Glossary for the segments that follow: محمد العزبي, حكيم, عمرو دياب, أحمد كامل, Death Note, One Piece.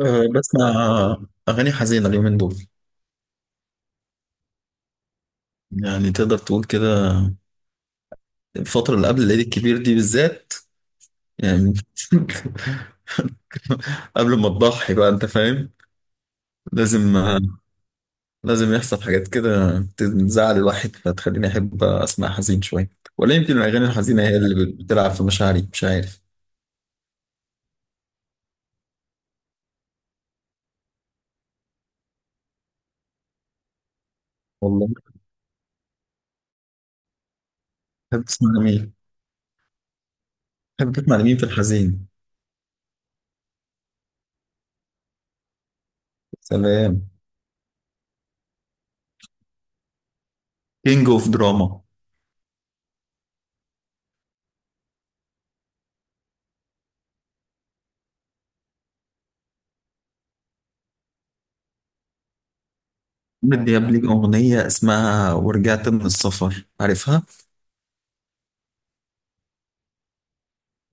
أه، بسمع أغاني حزينة اليومين دول. يعني تقدر تقول كده. الفترة اللي قبل العيد الكبير دي بالذات، يعني قبل ما تضحي بقى أنت فاهم. لازم لازم يحصل حاجات كده تزعل الواحد فتخليني أحب أسمع حزين شوية، ولا يمكن الأغاني الحزينة هي اللي بتلعب في مشاعري، مش عارف. والله تحب تسمع لمين؟ تحب تسمع لمين في الحزين؟ سلام. كينج أوف دراما. عمرو دياب ليه أغنية اسمها ورجعت من السفر، عارفها؟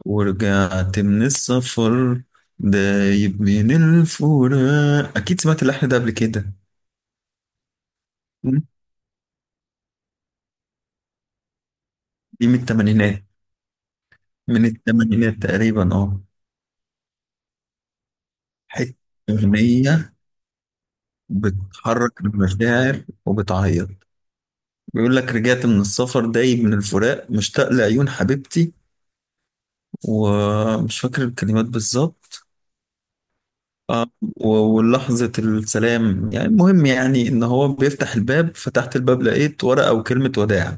ورجعت من السفر، دايب من الفراق، أكيد سمعت اللحن ده قبل كده. م? دي من التمانينات، من التمانينات تقريبا، اه. حتة أغنية بتحرك المشاعر وبتعيط. بيقول لك رجعت من السفر دايب من الفراق مشتاق لعيون حبيبتي، ومش فاكر الكلمات بالظبط. آه، و- ولحظة السلام، يعني المهم يعني إن هو بيفتح الباب، فتحت الباب لقيت ورقة وكلمة وداع،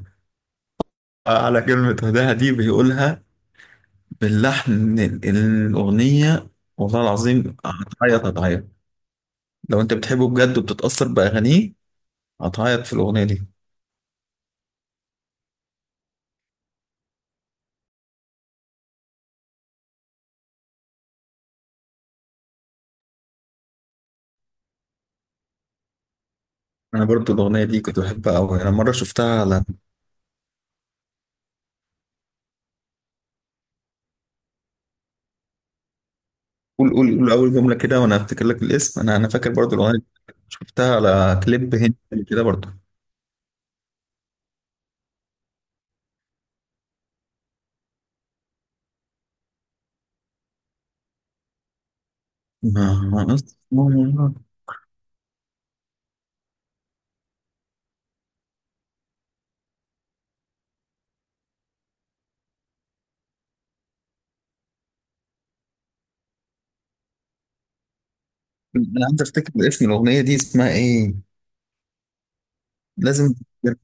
على كلمة هداها دي بيقولها الأغنية. والله العظيم هتعيط، هتعيط لو أنت بتحبه بجد وبتتأثر بأغانيه، هتعيط في الأغنية دي. أنا برضو الأغنية دي كنت بحبها أوي، أنا مرة شفتها على قول أول جملة كده وأنا هفتكر لك الاسم. أنا فاكر برضو الأغنية دي، شفتها على كليب هندي كده برضو. ما ما أص- أنا عايز أفتكر اسم الأغنية دي اسمها إيه، لازم أفتكر.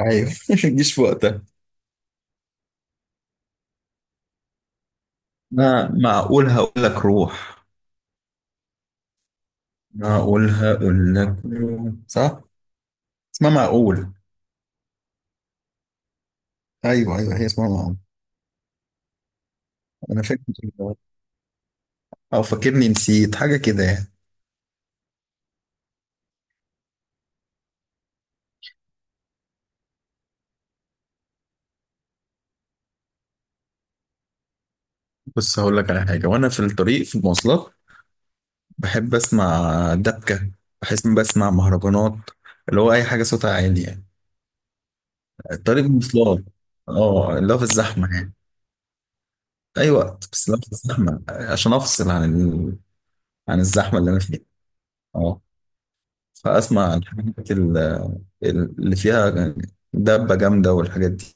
أيوه ما تجيش في وقتها. ما معقول هقول لك، روح معقولها قلنا كله صح؟ اسمها معقول. ايوه ايوه هي اسمها معقول، انا فاكر كده، او فاكرني نسيت حاجه كده يعني. بص هقول لك على حاجه، وانا في الطريق في المواصلات بحب اسمع دبكه، بحس إني بسمع مهرجانات، اللي هو اي حاجه صوتها عالي يعني. الطريق المواصلات، اه اللي هو في الزحمه يعني، اي وقت، بس اللي هو في الزحمه عشان افصل عن ال... عن الزحمه اللي انا فيها، اه. فاسمع اللي فيها دبه جامده والحاجات دي.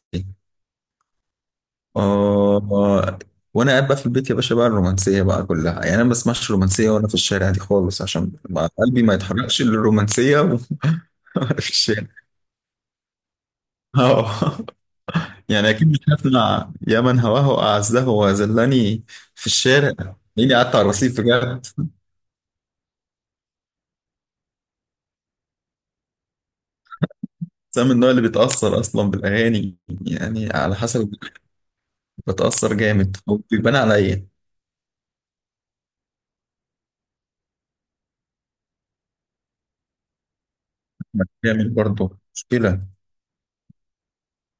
آه. وانا قاعد بقى في البيت يا باشا بقى الرومانسيه بقى كلها، يعني انا ما بسمعش رومانسيه وانا في الشارع دي خالص، عشان بقى قلبي ما يتحركش للرومانسيه وانا في الشارع، اه. يعني اكيد مش هسمع يا من هواه اعزه وذلني في الشارع، لاني قعدت على الرصيف بجد. بس أنا من النوع اللي بيتاثر اصلا بالاغاني، يعني على حسب، بتاثر جامد وبيبان عليا. أحمد كامل برضه مشكله.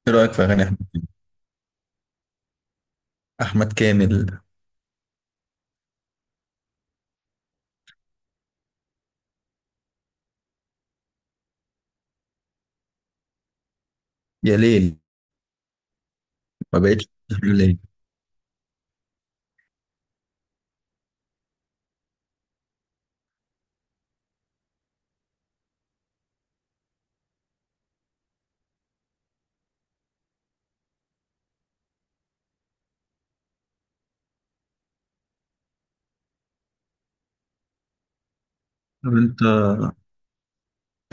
ايه رايك في اغاني احمد كامل؟ أحمد كامل. يا ليل، ما بقتش تحمل ليل. طب انت،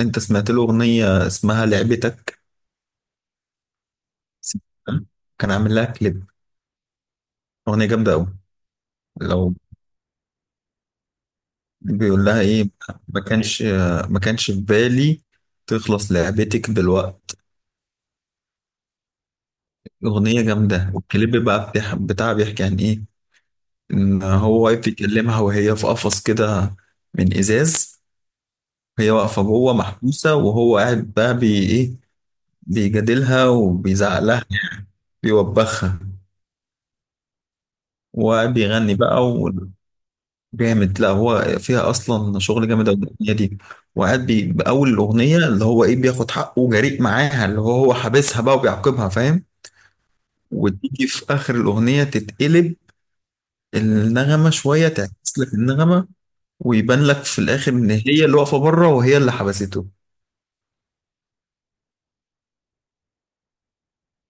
انت سمعت له اغنيه اسمها لعبتك؟ سمعتها؟ كان عامل لها كليب، اغنيه جامده قوي. لو بيقول لها ايه، ما كانش ما كانش في بالي، تخلص لعبتك بالوقت. اغنيه جامده، والكليب بقى بتاعها بيحكي عن ايه، ان هو واقف بيكلمها وهي في قفص كده من ازاز، هي واقفه جوه محبوسه وهو قاعد بقى بي ايه، بيجادلها وبيزعق لها، بيوبخها وبيغني بقى جامد. لا هو فيها اصلا شغل جامد أوي الاغنيه دي، وقاعد باول الاغنيه اللي هو ايه بياخد حقه وجريء معاها، اللي هو حابسها بقى وبيعاقبها فاهم، وتيجي في اخر الاغنيه تتقلب النغمه شويه، تعكس لك النغمه، ويبان لك في الاخر ان هي اللي واقفه بره وهي اللي حبسته.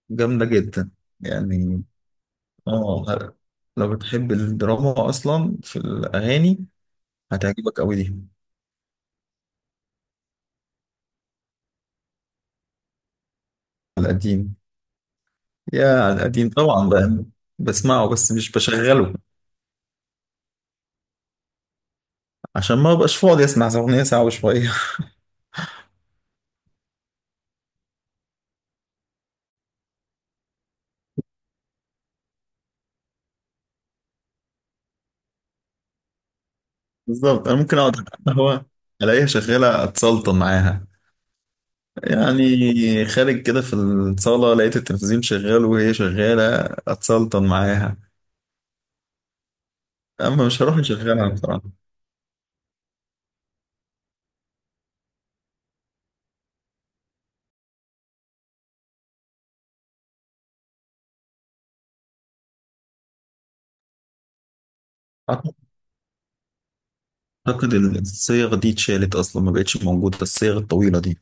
جامده جدا يعني. اه لو بتحب الدراما اصلا في الاغاني هتعجبك قوي دي. على القديم، يا على القديم طبعا بقى. بسمعه بس مش بشغله، عشان ما ابقاش فاضي اسمع اغنيه ساعه وشويه بالظبط انا ممكن اقعد على القهوه الاقيها شغاله اتسلطن معاها، يعني خارج كده في الصاله لقيت التلفزيون شغال وهي شغاله اتسلطن معاها، اما مش هروح اشغلها بصراحه. اعتقد الصيغ دي اتشالت اصلا ما بقتش موجوده الصيغ الطويله دي.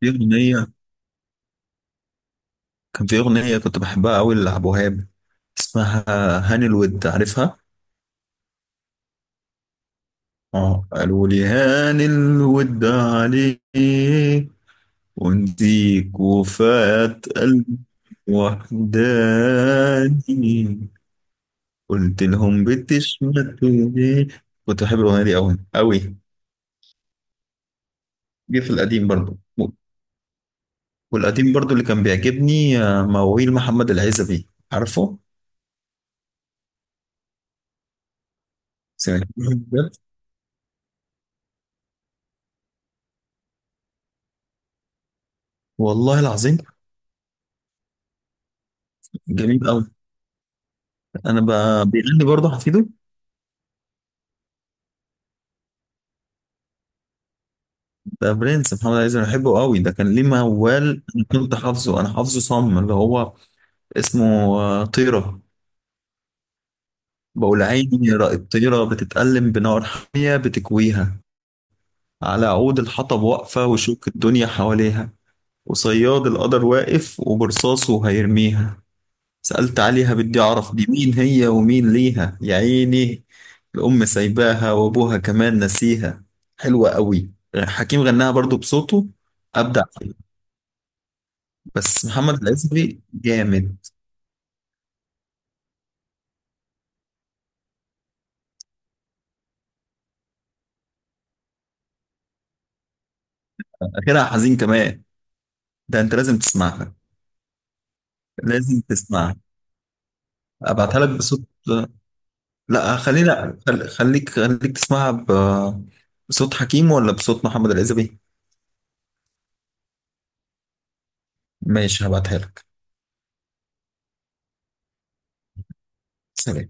في اغنيه، كان في اغنيه كنت بحبها قوي لعبد الوهاب، اسمها هاني الود، عارفها؟ اه، قالوا لي هاني الود عليك ونديك وفاة قلبي وحداني، قلت لهم بتشمتوا ليه. كنت بحب الأغنية دي أوي أوي. جه في القديم برضو. والقديم برضو اللي كان بيعجبني مواويل محمد العزبي، عارفه؟ سمعت بجد؟ والله العظيم. جميل أوي. بيغني برضه حفيده؟ ده برنس محمد العزبي أنا بحبه أوي، ده كان ليه موال أنا كنت حافظه، أنا حافظه صم، اللي هو اسمه طيرة. بقول عيني الطيرة بتتألم بنار حامية بتكويها، على عود الحطب واقفة وشوك الدنيا حواليها، وصياد القدر واقف وبرصاصه هيرميها، سألت عليها بدي أعرف دي مين هي ومين ليها يا عيني، الأم سايباها وأبوها كمان نسيها. حلوة قوي. حكيم غناها برضو بصوته، أبدع فيه. بس محمد العزبي جامد. آخرها حزين كمان. ده أنت لازم تسمعها، لازم تسمعها. أبعتها لك بصوت. لا خلينا، خليك تسمعها بصوت حكيم ولا بصوت محمد العزبي؟ ماشي هبعتها لك. سلام.